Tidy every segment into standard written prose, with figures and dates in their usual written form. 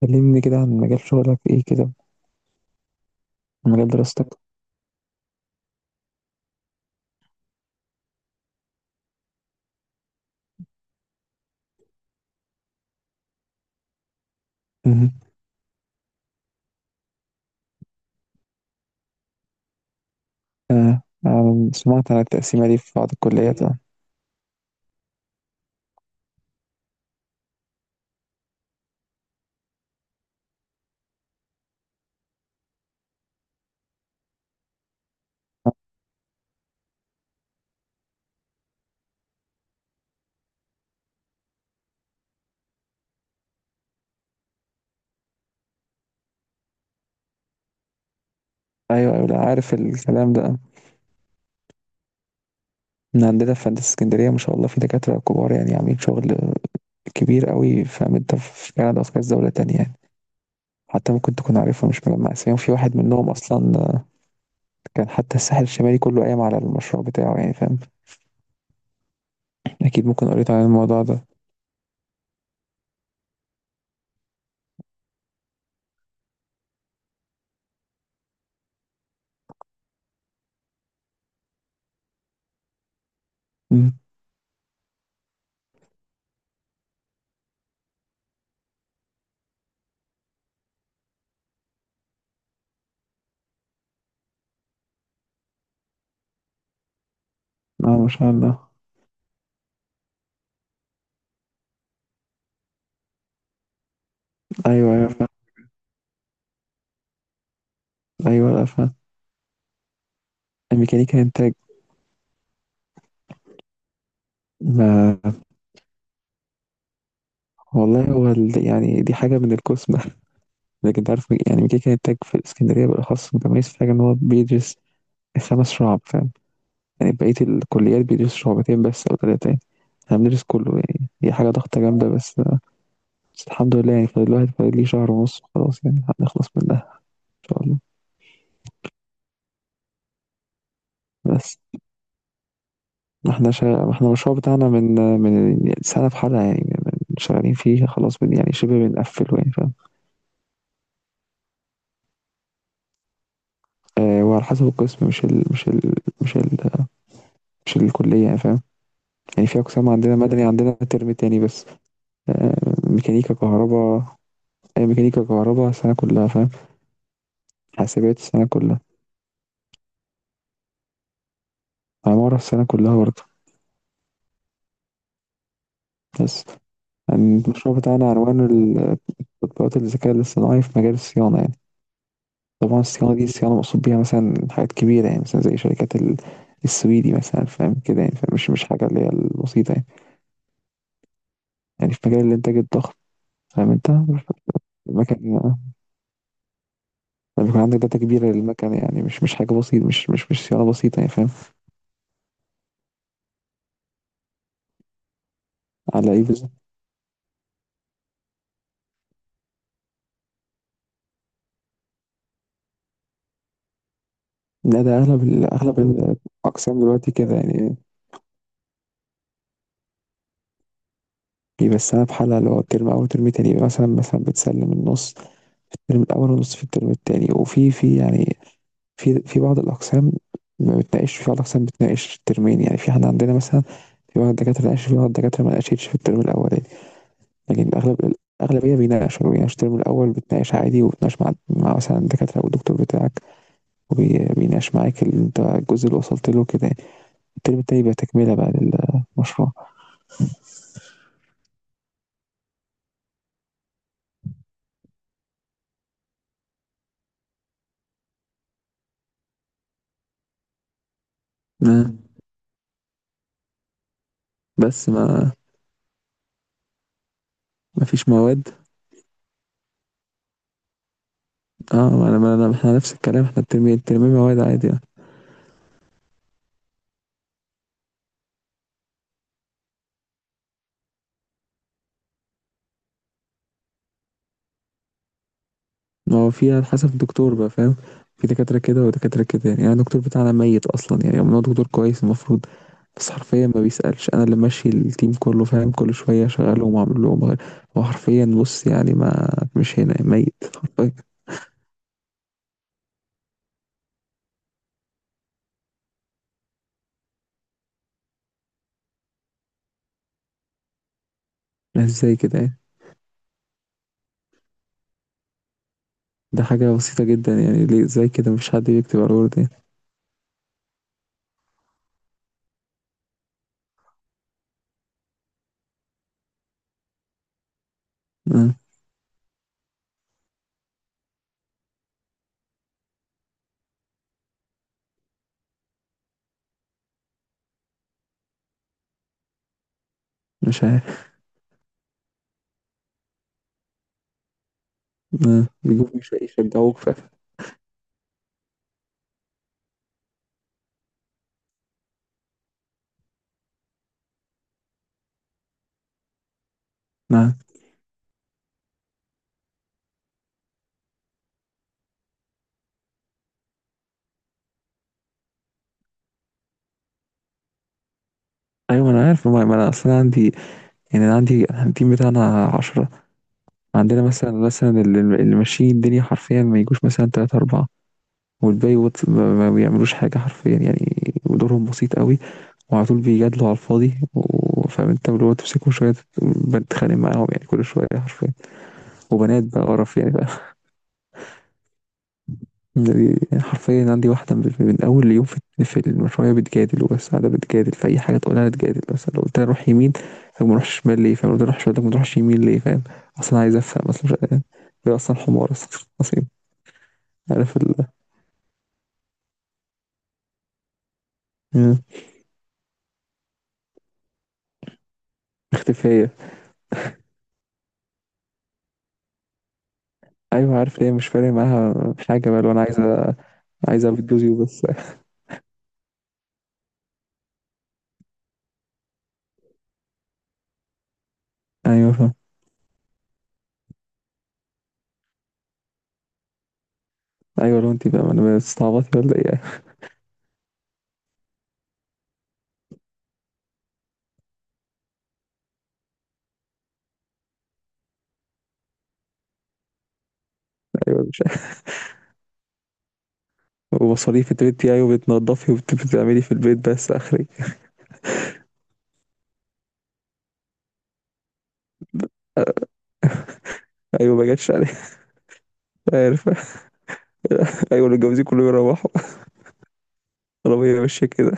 كلمني كده عن مجال شغلك ايه كده، ومجال دراستك. مهم. آه. آه. سمعت عن التقسيمة دي في بعض الكليات، آه. ايوه، ايوه، لا، عارف الكلام ده من عندنا في هندسة اسكندرية، ما شاء الله في دكاترة كبار، يعني عاملين شغل كبير قوي، فاهم انت؟ في كندا وفي كذا دولة تانية يعني. حتى ممكن تكون عارفهم، مش مجمع اساميهم في واحد منهم اصلا. آه، كان حتى الساحل الشمالي كله قايم على المشروع بتاعه، يعني فاهم. اكيد، ممكن قريت عن الموضوع ده. مم. اه، ما شاء الله. ايوه، ايوه، فاهم. ايوه، لا، فاهم. الميكانيكا انتاج. ما والله هو يعني دي حاجة من القسمة. لكن انت عارف، يعني ميكي كان التاج في الإسكندرية بالأخص متميز في حاجة إن هو بيدرس خمس شعب، فاهم. يعني بقية الكليات بيدرس شعبتين بس أو تلاتة يعني. احنا بندرس كله، يعني هي حاجة ضغطة جامدة بس. بس الحمد لله، يعني فاضل الواحد، فاضل ليه شهر ونص، خلاص يعني هنخلص منها. إن شاء الله. بس، ما احنا المشروع بتاعنا من سنة في حالها يعني، شغالين فيه خلاص، يعني شبه بنقفله يعني فاهم. آه، وعلى حسب القسم مش ال... مش الكلية يعني فاهم. يعني في أقسام عندنا، مدني عندنا ترم تاني بس. آه، ميكانيكا كهرباء. ميكانيكا كهرباء السنة كلها فاهم. حاسبات السنة كلها. عمارة السنة كلها برضه. بس يعني المشروع بتاعنا عنوانه تطبيقات الذكاء الاصطناعي في مجال الصيانة يعني. طبعا الصيانة دي، الصيانة مقصود بيها مثلا حاجات كبيرة، يعني مثلا زي شركات السويدي مثلا، فاهم كده يعني. فمش مش مش حاجة اللي هي البسيطة يعني. يعني في مجال الإنتاج الضخم، فاهم أنت. المكن لما يكون عندك داتا كبيرة للمكن، يعني مش حاجة بسيطة، مش صيانة بسيطة يعني فاهم. على إيه بالظبط؟ لا، ده أغلب الأقسام دلوقتي كده يعني. بيبقى في حالة اللي هو الترم أول وترم تاني، يبقى مثلا بتسلم النص في الترم الأول، والنص في الترم التاني، وفي يعني في بعض الأقسام ما بتناقش، في بعض الأقسام بتناقش الترمين يعني، في احنا عندنا مثلا، في بعض الدكاترة ناقش، في بعض الدكاترة ما ناقشتش في الترم الأولاني. لكن الأغلبية بيناقش الترم الأول، بتناقش عادي، وبتناقش مع مثلا الدكاترة أو الدكتور بتاعك. وبيناقش معاك اللي أنت الجزء اللي وصلت له كده يعني. الترم التاني بقى تكملة بقى للمشروع. آه، بس ما فيش مواد. اه، ما انا احنا نفس الكلام، احنا الترمي مواد عادي يعني. ما هو في على حسب الدكتور بقى، فاهم. في دكاترة كده ودكاترة كده يعني، يعني الدكتور بتاعنا ميت أصلا، يعني هو دكتور كويس المفروض. بس حرفيا ما بيسألش، أنا اللي ماشي التيم كله فاهم، كل شوية شغالهم وأعمل لهم وأغير. هو حرفيا بص يعني، ما مش هنا ميت حرفيا. ازاي كده يعني؟ ده حاجة بسيطة جدا يعني، ليه ازاي كده مفيش حد بيكتب على الورد يعني؟ آه، مش عارف. بيجوا مش يشجعوك ف ما. ايوه انا عارف، ما انا اصلا عندي. يعني انا عندي، أنا التيم بتاعنا 10. عندنا مثلا اللي ماشيين الدنيا حرفيا ما يجوش مثلا 3 4. والباقي ما بيعملوش حاجه حرفيا يعني. ودورهم بسيط قوي. وعلى طول بيجادلوا على الفاضي فاهم انت، اللي هو تمسكهم شويه بتخانق معاهم يعني كل شويه حرفيا. وبنات بقى قرف يعني بقى. حرفيا عندي واحدة من أول يوم في المشروع، هي بتجادل وبس، قاعدة بتجادل في أي حاجة تقولها تجادل، بس لو قلت لها روح يمين، طب ما نروحش شمال ليه؟ فاهم، لو قلت لها روح شمال، طب ما نروحش يمين ليه؟ فاهم. أصلا عايز أفهم، أصلا مش، هي أصلا حمار أصلا أصيل. عارف مم. اختفية. أيوة، عارف ليه مش فارق معاها حاجة بقى، لو أنا عايزة، عايزة أبيض جوزي وبس. أيوة، فاهم. أيوة، لو أنت بقى، أنا بتستعبطي ولا إيه؟ أيوة مش، ومصاريف أنت بنتي، أيوة بتنضفي وبتعملي في البيت بس آخري. أيوة، ما جاتش عليك. عارف. أيوه، اللي متجوزين كلهم يروحوا. العربية ماشية كده.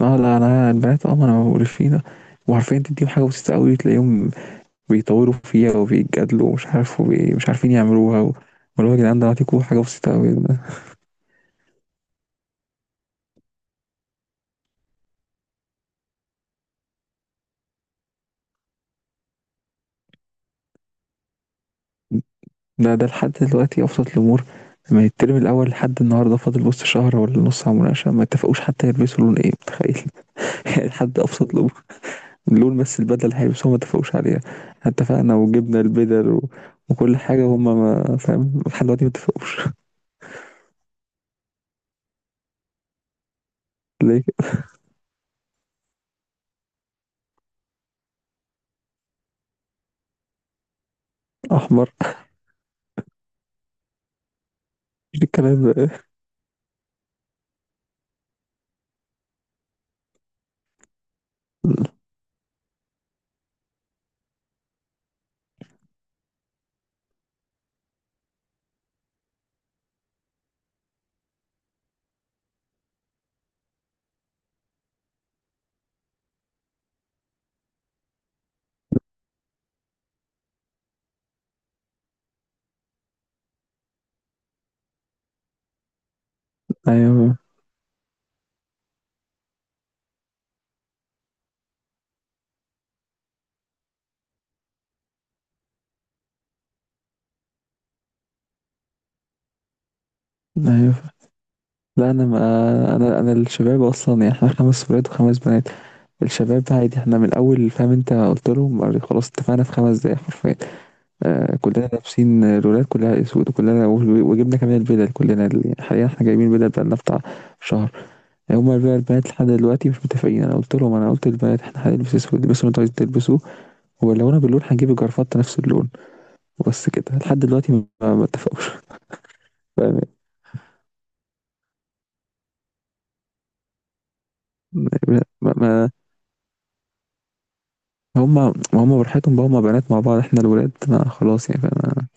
اه، لا، لا، البنات اه، ما انا بقول فيه ده. وعارفين تديهم حاجة بسيطة أوي تلاقيهم بيطوروا فيها وبيتجادلوا، ومش عارف، مش عارفين يعملوها و. واللي هو يا جدعان، ده هتكون حاجة بسيطة أوي ده. ده لحد دلوقتي أبسط الأمور. من الترم الأول لحد النهاردة فاضل، بص شهر ولا نص على المناقشة، ما اتفقوش حتى يلبسوا لون إيه، متخيل. يعني لحد أبسط الأمور. اللون بس، البدلة اللي هيلبسوها ما اتفقوش عليها. اتفقنا وجبنا البدل و. وكل حاجة هما، ما فاهم لحد دلوقتي ما اتفقوش. ليه كده؟ احمر. مش الكلام ده. ايوه، ايوه، لا انا، ما انا انا الشباب اصلا يعني، احنا خمس ولاد وخمس بنات. الشباب ده عادي، احنا من الاول فاهم انت، قلت لهم خلاص اتفقنا في 5 دقايق حرفيا. كلنا لابسين، الولاد كلها اسود، وكلنا وجبنا كمان البدل كلنا يعني حاليا احنا جايبين بدل بقالنا بتاع شهر. يعني هما بقى البنات لحد دلوقتي مش متفقين، انا قلت لهم، انا قلت للبنات احنا هنلبس اسود، البسوا اللي انتوا عايزين تلبسوه. ولو انا باللون هنجيب الجرافات نفس اللون. وبس كده لحد دلوقتي ما اتفقوش. فاهم. ما ما هم ما هم براحتهم بقى، هم بنات مع بعض، احنا الولاد ما خلاص يعني فانا.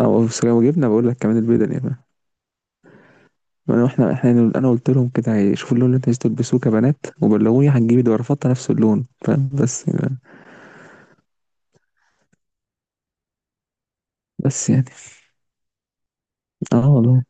او، بس لو جبنا بقول لك كمان البدل يعني، فاهم. انا، احنا. انا قلت لهم كده شوفوا اللون اللي انتوا عايزين تلبسوه كبنات، وبلغوني. هتجيبي ده رفضت نفس اللون، فاهم، بس يعني. بس يعني، اه والله.